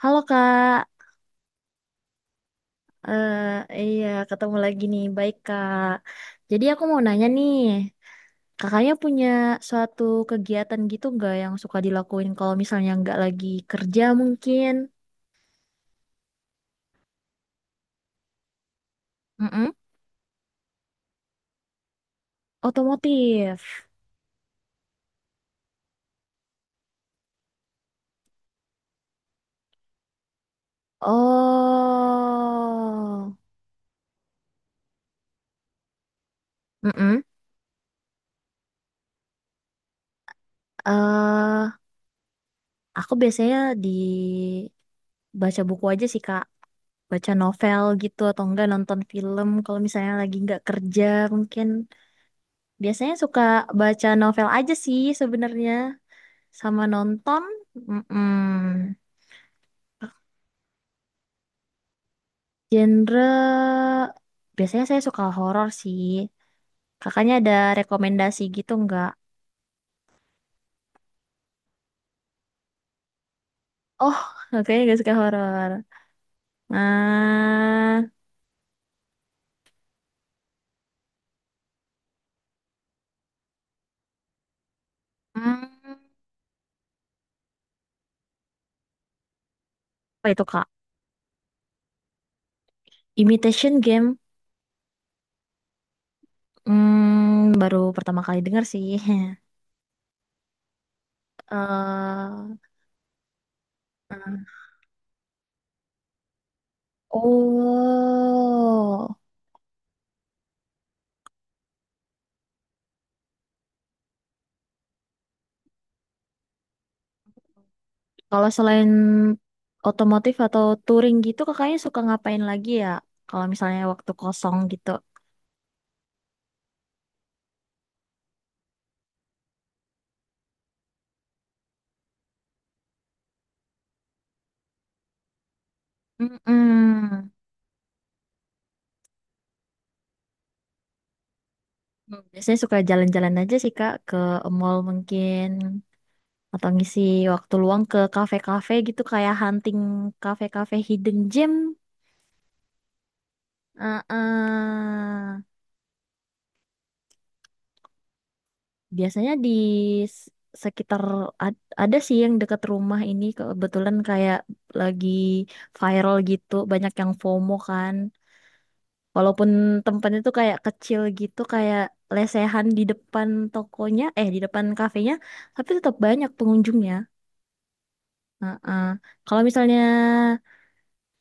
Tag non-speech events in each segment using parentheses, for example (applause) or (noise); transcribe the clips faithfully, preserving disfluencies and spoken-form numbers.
Halo Kak, Eh iya ketemu lagi nih. Baik Kak. Jadi aku mau nanya nih, kakaknya punya suatu kegiatan gitu nggak yang suka dilakuin kalau misalnya nggak lagi kerja mungkin? Mm-mm. Otomotif. Oh, mm aku biasanya di baca buku aja sih Kak, baca novel gitu atau enggak nonton film kalau misalnya lagi nggak kerja mungkin. Biasanya suka baca novel aja sih sebenarnya sama nonton. Mm Genre biasanya saya suka horor sih. Kakaknya ada rekomendasi gitu nggak? Oh, kakaknya nggak suka horor. Nah, hmm, apa itu Kak? Imitation Game. Hmm, baru pertama kali dengar sih. (laughs) eh nah, oh. Kalau selain otomotif atau touring gitu, kakaknya suka ngapain lagi ya? Kalau misalnya waktu kosong gitu. Mm-mm. Hmm, biasanya suka jalan-jalan aja sih Kak, ke mall mungkin. Atau ngisi waktu luang ke kafe-kafe gitu, kayak hunting kafe-kafe hidden gem. Uh-uh. Biasanya di s- sekitar ad- ada sih yang dekat rumah ini kebetulan kayak lagi viral gitu, banyak yang FOMO kan. Walaupun tempatnya tuh kayak kecil gitu, kayak lesehan di depan tokonya, eh di depan kafenya, tapi tetap banyak pengunjungnya. Heeh. Kalau misalnya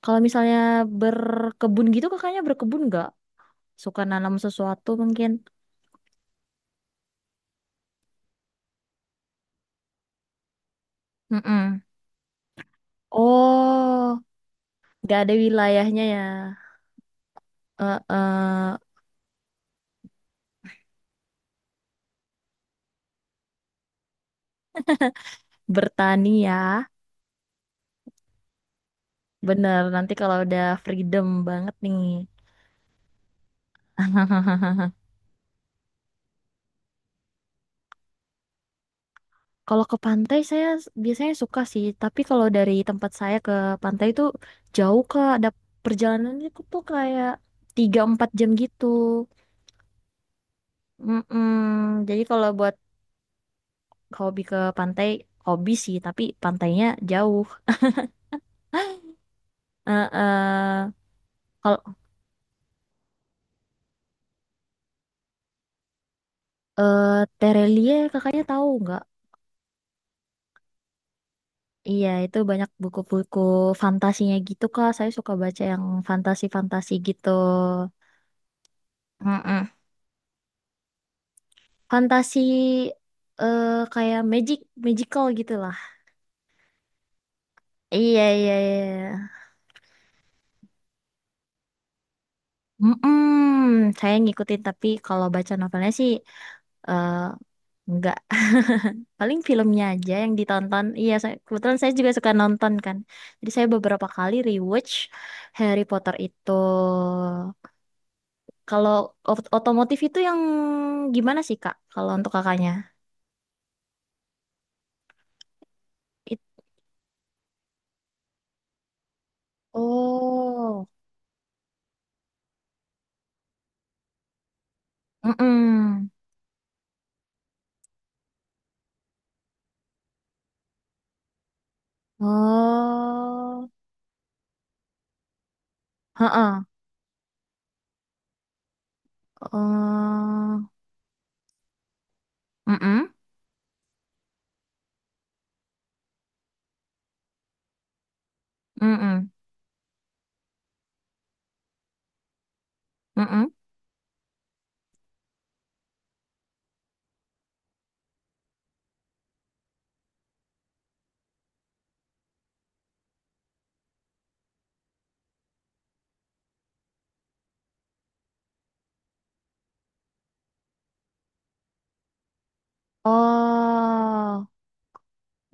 kalau misalnya berkebun gitu, kakaknya berkebun nggak? Suka nanam sesuatu mungkin? Mm-mm. Oh, nggak ada wilayahnya ya. Heeh. Bertani ya. Bener, nanti kalau udah freedom banget nih. (laughs) Kalau ke pantai saya s- biasanya suka sih, tapi kalau dari tempat saya ke pantai itu jauh Kak, ada perjalanannya ku- tuh kayak tiga empat jam gitu. Mm-mm. Jadi kalau buat hobi ke pantai, hobi sih, tapi pantainya jauh. (laughs) eh eh, kalau eh Terelie kakaknya tahu nggak? Iya, itu banyak buku-buku fantasinya gitu Kak. Saya suka baca yang fantasi-fantasi gitu. Fantasi eh kayak magic, magical gitu lah. Iya, iya, iya. Mm-mm, saya ngikutin tapi kalau baca novelnya sih eh enggak. (laughs) Paling filmnya aja yang ditonton. Iya, saya, kebetulan saya juga suka nonton kan. Jadi saya beberapa kali rewatch Harry Potter itu. Kalau ot- otomotif itu yang gimana sih, Kak? Kalau untuk kakaknya? It- oh, mm-mm. Oh, heeh. Oh, mm-mm, mm-mm, mm-mm, oh,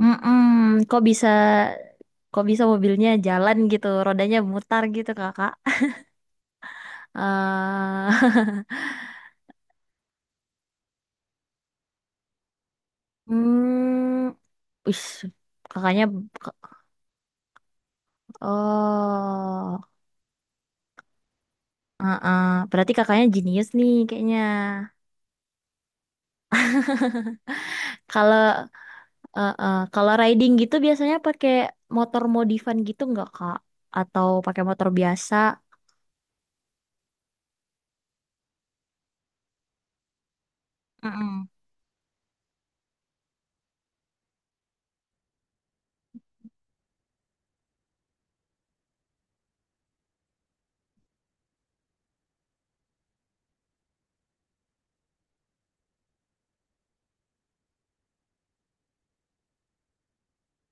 mm-mm. Kok bisa, kok bisa mobilnya jalan gitu, rodanya mutar gitu kakak. Eh (laughs) hmm, wis, kakaknya, k- oh, uh-uh. Berarti kakaknya jenius nih kayaknya. Kalau uh-uh. Kalau riding gitu biasanya pakai motor modifan gitu nggak kak? Atau pakai motor biasa? Mm-mm.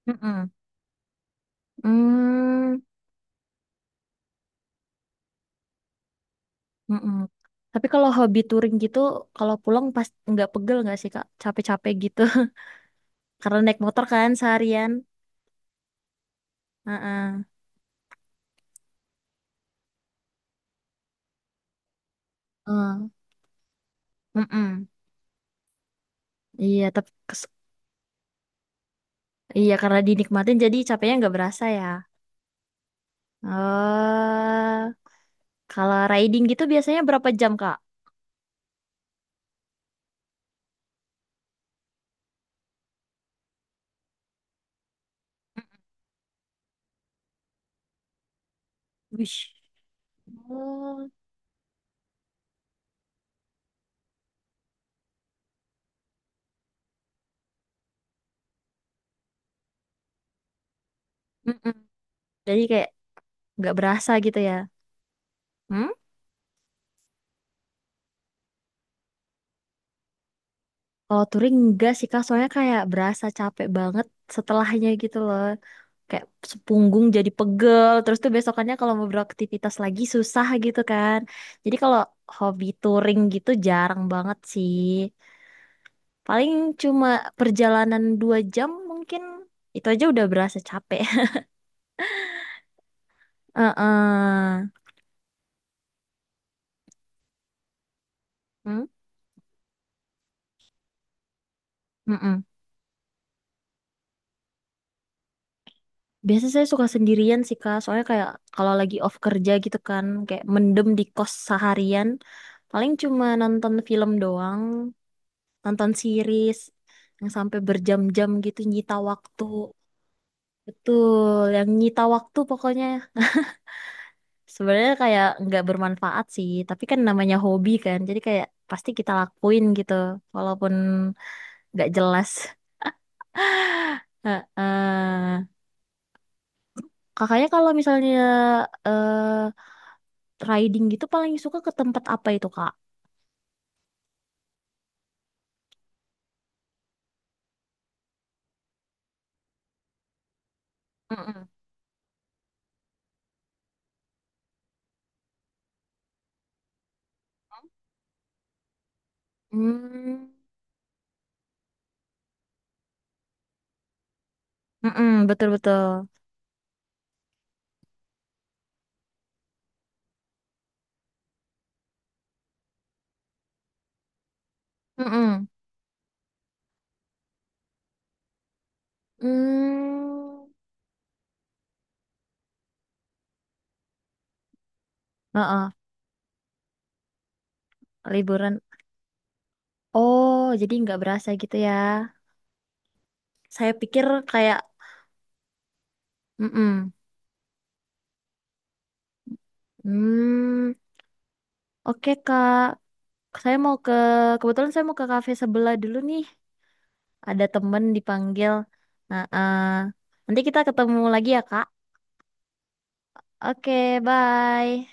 Mm-mm. Hmm, mm-mm. Tapi kalau hobi touring gitu, kalau pulang pas nggak pegel nggak sih Kak? Capek-capek gitu. (laughs) Karena naik motor kan seharian. Heeh. Eh, mm-mm. Iya, tapi kes- iya karena dinikmatin jadi capeknya nggak berasa ya. Eh, kalau riding gitu biasanya berapa jam Kak? Wih. Oh, mm-mm. Jadi kayak nggak berasa gitu ya. Hmm? Kalau touring enggak sih Kak, soalnya kayak berasa capek banget setelahnya gitu loh. Kayak sepunggung jadi pegel terus tuh besokannya kalau mau beraktivitas lagi susah gitu kan jadi kalau hobi touring gitu jarang banget sih paling cuma perjalanan dua jam mungkin itu aja udah berasa capek. (laughs) Heeh. Hmm? Mm-mm. Biasanya saya suka sendirian sih Kak, soalnya kayak kalau lagi off kerja gitu kan, kayak mendem di kos seharian, paling cuma nonton film doang, nonton series yang sampai berjam-jam gitu nyita waktu. Betul, yang nyita waktu pokoknya. Sebenarnya kayak nggak bermanfaat sih, tapi kan namanya hobi kan, jadi kayak pasti kita lakuin gitu, walaupun nggak jelas. Heeh. Kakaknya kalau misalnya eh riding gitu paling suka ke tempat apa itu, Kak? Mm-mm. Hmm, mm-mm, betul-betul. Mm-mm. Hmm, heeh, liburan. Oh, jadi nggak berasa gitu ya. Saya pikir kayak, mm-mm. Hmm. Oke Kak, saya mau ke kebetulan saya mau ke kafe sebelah dulu nih. Ada temen dipanggil. Nah, eh, nanti kita ketemu lagi ya Kak. Oke, bye.